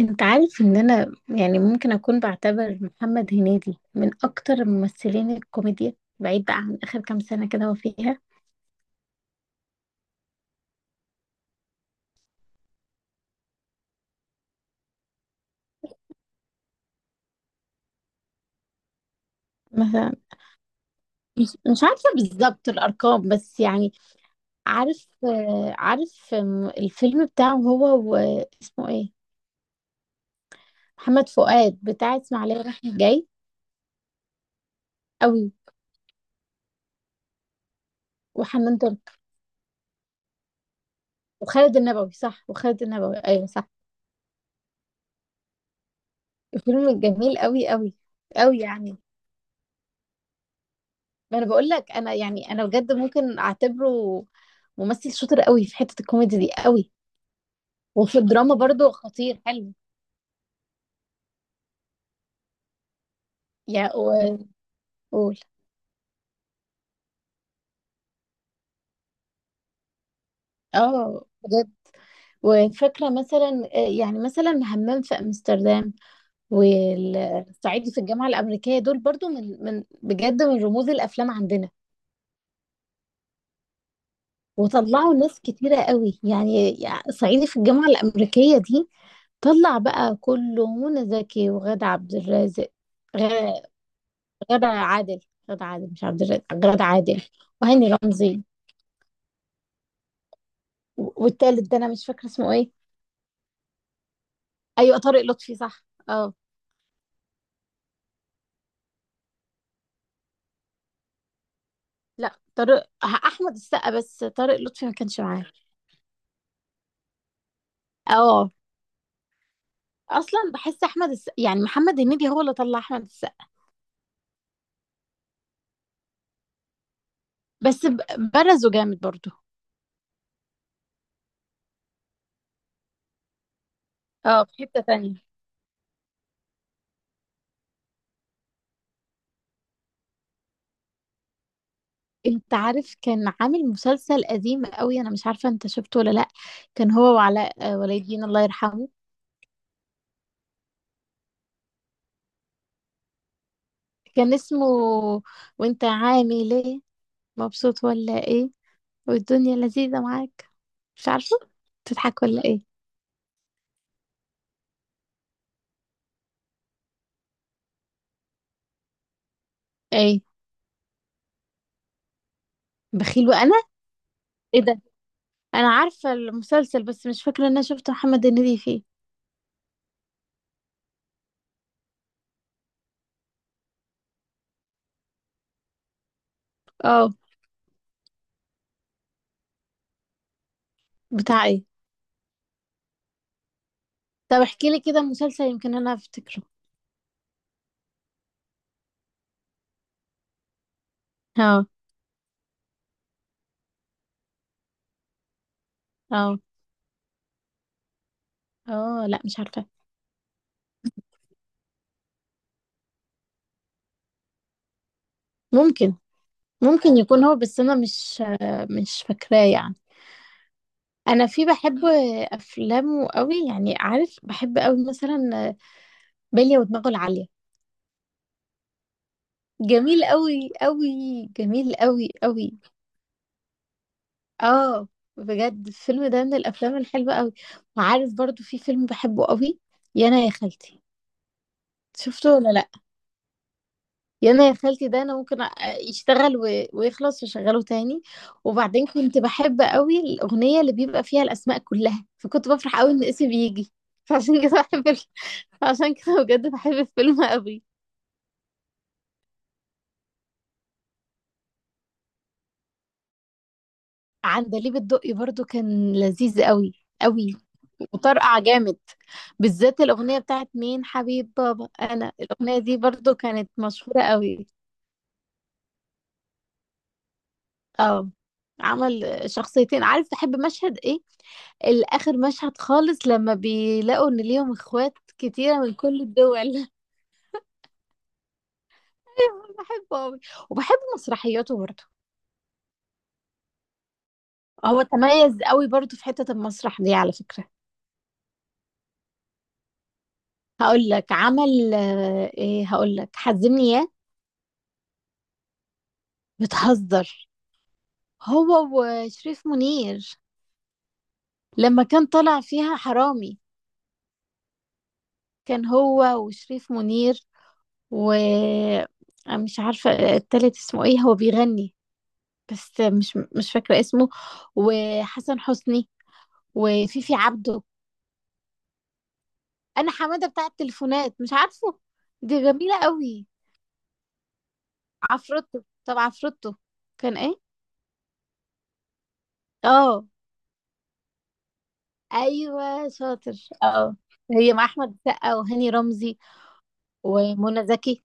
انت عارف ان انا يعني ممكن اكون بعتبر محمد هنيدي من اكتر ممثلين الكوميديا، بعيد بقى عن اخر كام سنة كده هو فيها. مثلا. مش عارفة بالظبط الارقام بس يعني. عارف الفيلم بتاعه هو واسمه ايه؟ محمد فؤاد بتاع اسماعيلية رايح جاي. قوي. وحنان ترك. وخالد النبوي صح، وخالد النبوي ايوه صح. الفيلم جميل قوي قوي. قوي يعني. ما انا بقول لك، انا يعني انا بجد ممكن اعتبره ممثل شاطر قوي في حتة الكوميدي دي قوي. وفي الدراما برضو خطير حلو. يعني. وقول. اه بجد. وفاكرة مثلا، يعني مثلا همام في أمستردام والصعيدي في الجامعة الأمريكية. دول برضو من بجد من رموز الأفلام عندنا. وطلعوا ناس كتيرة قوي يعني صعيدي في الجامعة الأمريكية دي طلع بقى كله منى زكي وغادة عبد الرازق. غ- غادة عادل. غادة عادل مش عبد الرازق، غادة عادل. وهاني رمزي. والتالت ده انا مش فاكره اسمه ايه. ايوه طارق لطفي صح. اه. لا، طارق احمد السقا بس، طارق لطفي ما كانش معاه. اه. اصلا بحس احمد السقا يعني محمد هنيدي هو اللي طلع احمد السقا، بس برزه جامد برضه. اه، في حتة تانية. انت عارف، كان عامل مسلسل قديم قوي، انا مش عارفه انت شفته ولا لا. كان هو وعلاء ولي الدين الله يرحمه. كان اسمه، وانت عامل ايه، مبسوط ولا ايه، والدنيا لذيذه معاك. مش عارفه. تضحك ولا ايه. اي. بخيل وانا. ايه ده. انا عارفه المسلسل بس مش فاكره ان انا شفت محمد هنيدي فيه. اه. بتاع ايه؟ طب احكي لي كده مسلسل يمكن انا افتكره. اه اه اه، لا مش عارفه. ممكن ممكن يكون هو، بس انا مش مش فاكراه يعني. انا في بحب افلامه قوي، يعني عارف بحب قوي مثلا، بلية ودماغه العاليه. جميل قوي قوي. جميل قوي قوي. اه بجد، الفيلم ده من الافلام الحلوه قوي. وعارف برضو في فيلم بحبه قوي، يا انا يا خالتي. شفته ولا لا؟ يا انا يا خالتي، ده انا ممكن يشتغل ويخلص وشغله تاني. وبعدين كنت بحب قوي الاغنيه اللي بيبقى فيها الاسماء كلها، فكنت بفرح قوي ان اسمي بيجي. فعشان كده بحب عشان كده بجد بحب الفيلم قوي. عندليب الدقي برضو كان لذيذ قوي. قوي. وطرقع جامد. بالذات الأغنية بتاعت مين حبيب بابا أنا، الأغنية دي برضو كانت مشهورة قوي. اه. عمل شخصيتين. عارف تحب مشهد ايه؟ الآخر، مشهد خالص لما بيلاقوا ان ليهم اخوات كتيرة من كل الدول. أيوة، بحبه قوي. وبحب مسرحياته برضو. هو تميز قوي برضو في حتة المسرح دي على فكرة. هقول لك عمل ايه، هقول لك حزمني ياه. بتهزر. هو وشريف منير، لما كان طالع فيها حرامي. كان هو وشريف منير و، مش عارفة التالت اسمه ايه، هو بيغني بس مش فاكرة اسمه. وحسن حسني. وفيفي عبده. انا حمادة بتاع التليفونات، مش عارفه. دي جميلة قوي. عفروتو. طب عفروتو كان ايه. اه ايوه شاطر. اه. هي مع احمد السقا وهاني رمزي ومنى زكي.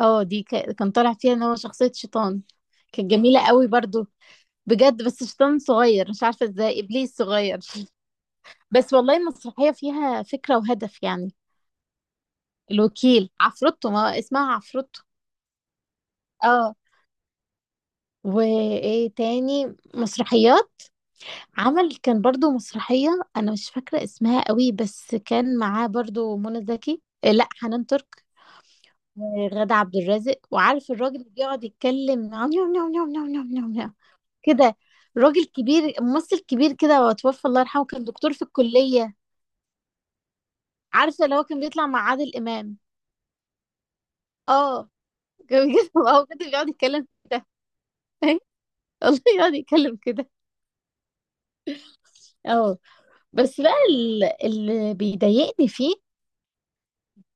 اه، دي كان طالع فيها ان هو شخصية شيطان. كانت جميلة قوي برضو، بجد، بس شيطان صغير مش عارفة ازاي، ابليس صغير. بس والله المسرحية فيها فكرة وهدف يعني. الوكيل عفروتو، ما هو اسمها عفروتو. اه. وايه تاني مسرحيات. عمل كان برضو مسرحية، انا مش فاكرة اسمها قوي، بس كان معاه برضو منى زكي، لا حنان ترك وغادة عبد الرازق. وعارف الراجل اللي بيقعد يتكلم نعم نعم نعم نعم نعم نعم نعم، كده، راجل كبير، ممثل كبير كده، وتوفى الله يرحمه، كان دكتور في الكلية. عارفة اللي هو كان بيطلع مع عادل إمام. اه. كان بيجي هو كده بيقعد يتكلم كده. فاهم؟ والله يقعد يتكلم كده. اه. بس بقى اللي بيضايقني فيه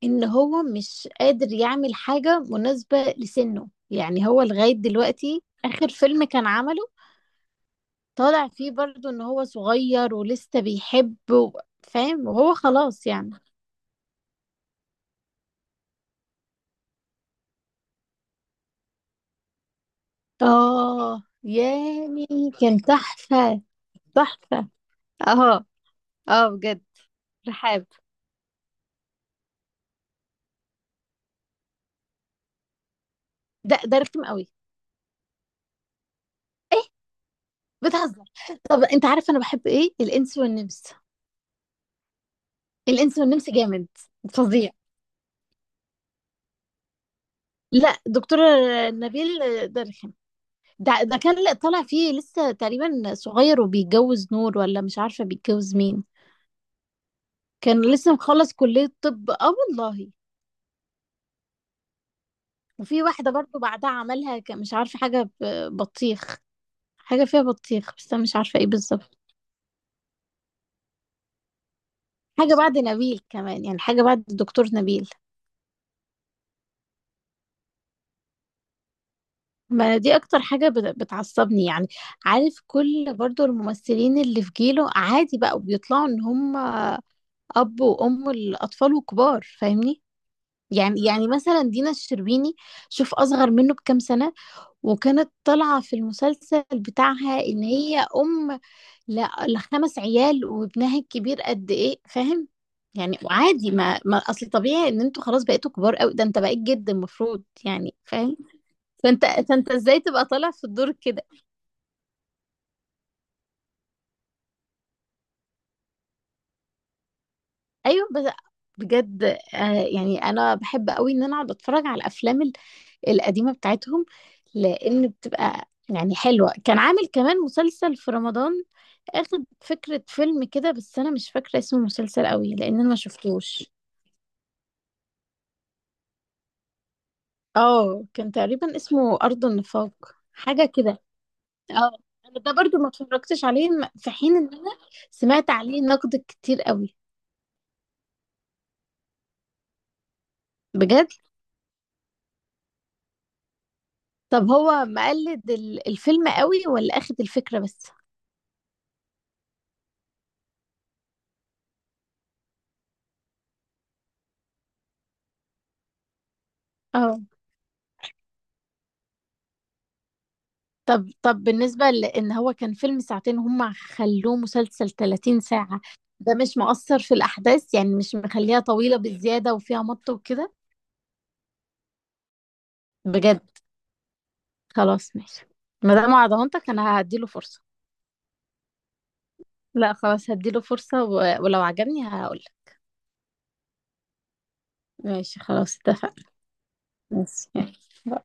ان هو مش قادر يعمل حاجة مناسبة لسنه، يعني هو لغاية دلوقتي آخر فيلم كان عمله طالع فيه برضو ان هو صغير ولسه بيحب فاهم، وهو خلاص يعني. اه يامي. كان تحفة. تحفة. اه اه بجد. رحاب. ده رخم قوي. ايه. بتهزر. طب انت عارف انا بحب ايه؟ الانس والنمس. الانس والنمس جامد. فظيع. لا، دكتور نبيل. ده رخم. ده كان طالع فيه لسه تقريبا صغير وبيتجوز نور ولا مش عارفة بيتجوز مين. كان لسه مخلص كلية طب اه والله. وفي واحدة برضو بعدها عملها مش عارفة، حاجة بطيخ، حاجة فيها بطيخ بس أنا مش عارفة ايه بالظبط. حاجة بعد نبيل كمان، يعني حاجة بعد الدكتور نبيل. ما دي أكتر حاجة بتعصبني يعني. عارف كل برضو الممثلين اللي في جيله عادي بقى بيطلعوا إن هم أب وأم الأطفال وكبار، فاهمني؟ يعني مثلا دينا الشربيني شوف أصغر منه بكام سنة، وكانت طالعة في المسلسل بتاعها إن هي أم لا ال5 عيال، وابنها الكبير قد ايه، فاهم؟ يعني وعادي، ما اصل طبيعي ان انتوا خلاص بقيتوا كبار قوي، ده انت بقيت جد المفروض يعني، فاهم؟ فانت ازاي تبقى طالع في الدور كده. ايوه بس. بجد آه. يعني انا بحب قوي ان انا اقعد اتفرج على الافلام القديمه بتاعتهم، لان بتبقى يعني حلوه. كان عامل كمان مسلسل في رمضان، اخد فكره فيلم كده، بس انا مش فاكره اسم المسلسل قوي لان انا ما شفتوش. اه كان تقريبا اسمه أرض النفاق، حاجة كده. اه، انا ده برضو ما اتفرجتش عليه في حين ان انا سمعت عليه نقد كتير قوي. بجد. طب هو مقلد الفيلم قوي ولا اخد الفكرة بس. اه. طب بالنسبة لان هو كان فيلم 2 ساعة، هم خلوه مسلسل 30 ساعة، ده مش مؤثر في الاحداث يعني؟ مش مخليها طويلة بالزيادة وفيها مط وكده. بجد. خلاص ماشي، ما دام عضمانتك انا هديله فرصة. لا خلاص، هديله فرصة ولو عجبني هقولك. ماشي خلاص اتفقنا. ماشي يلا.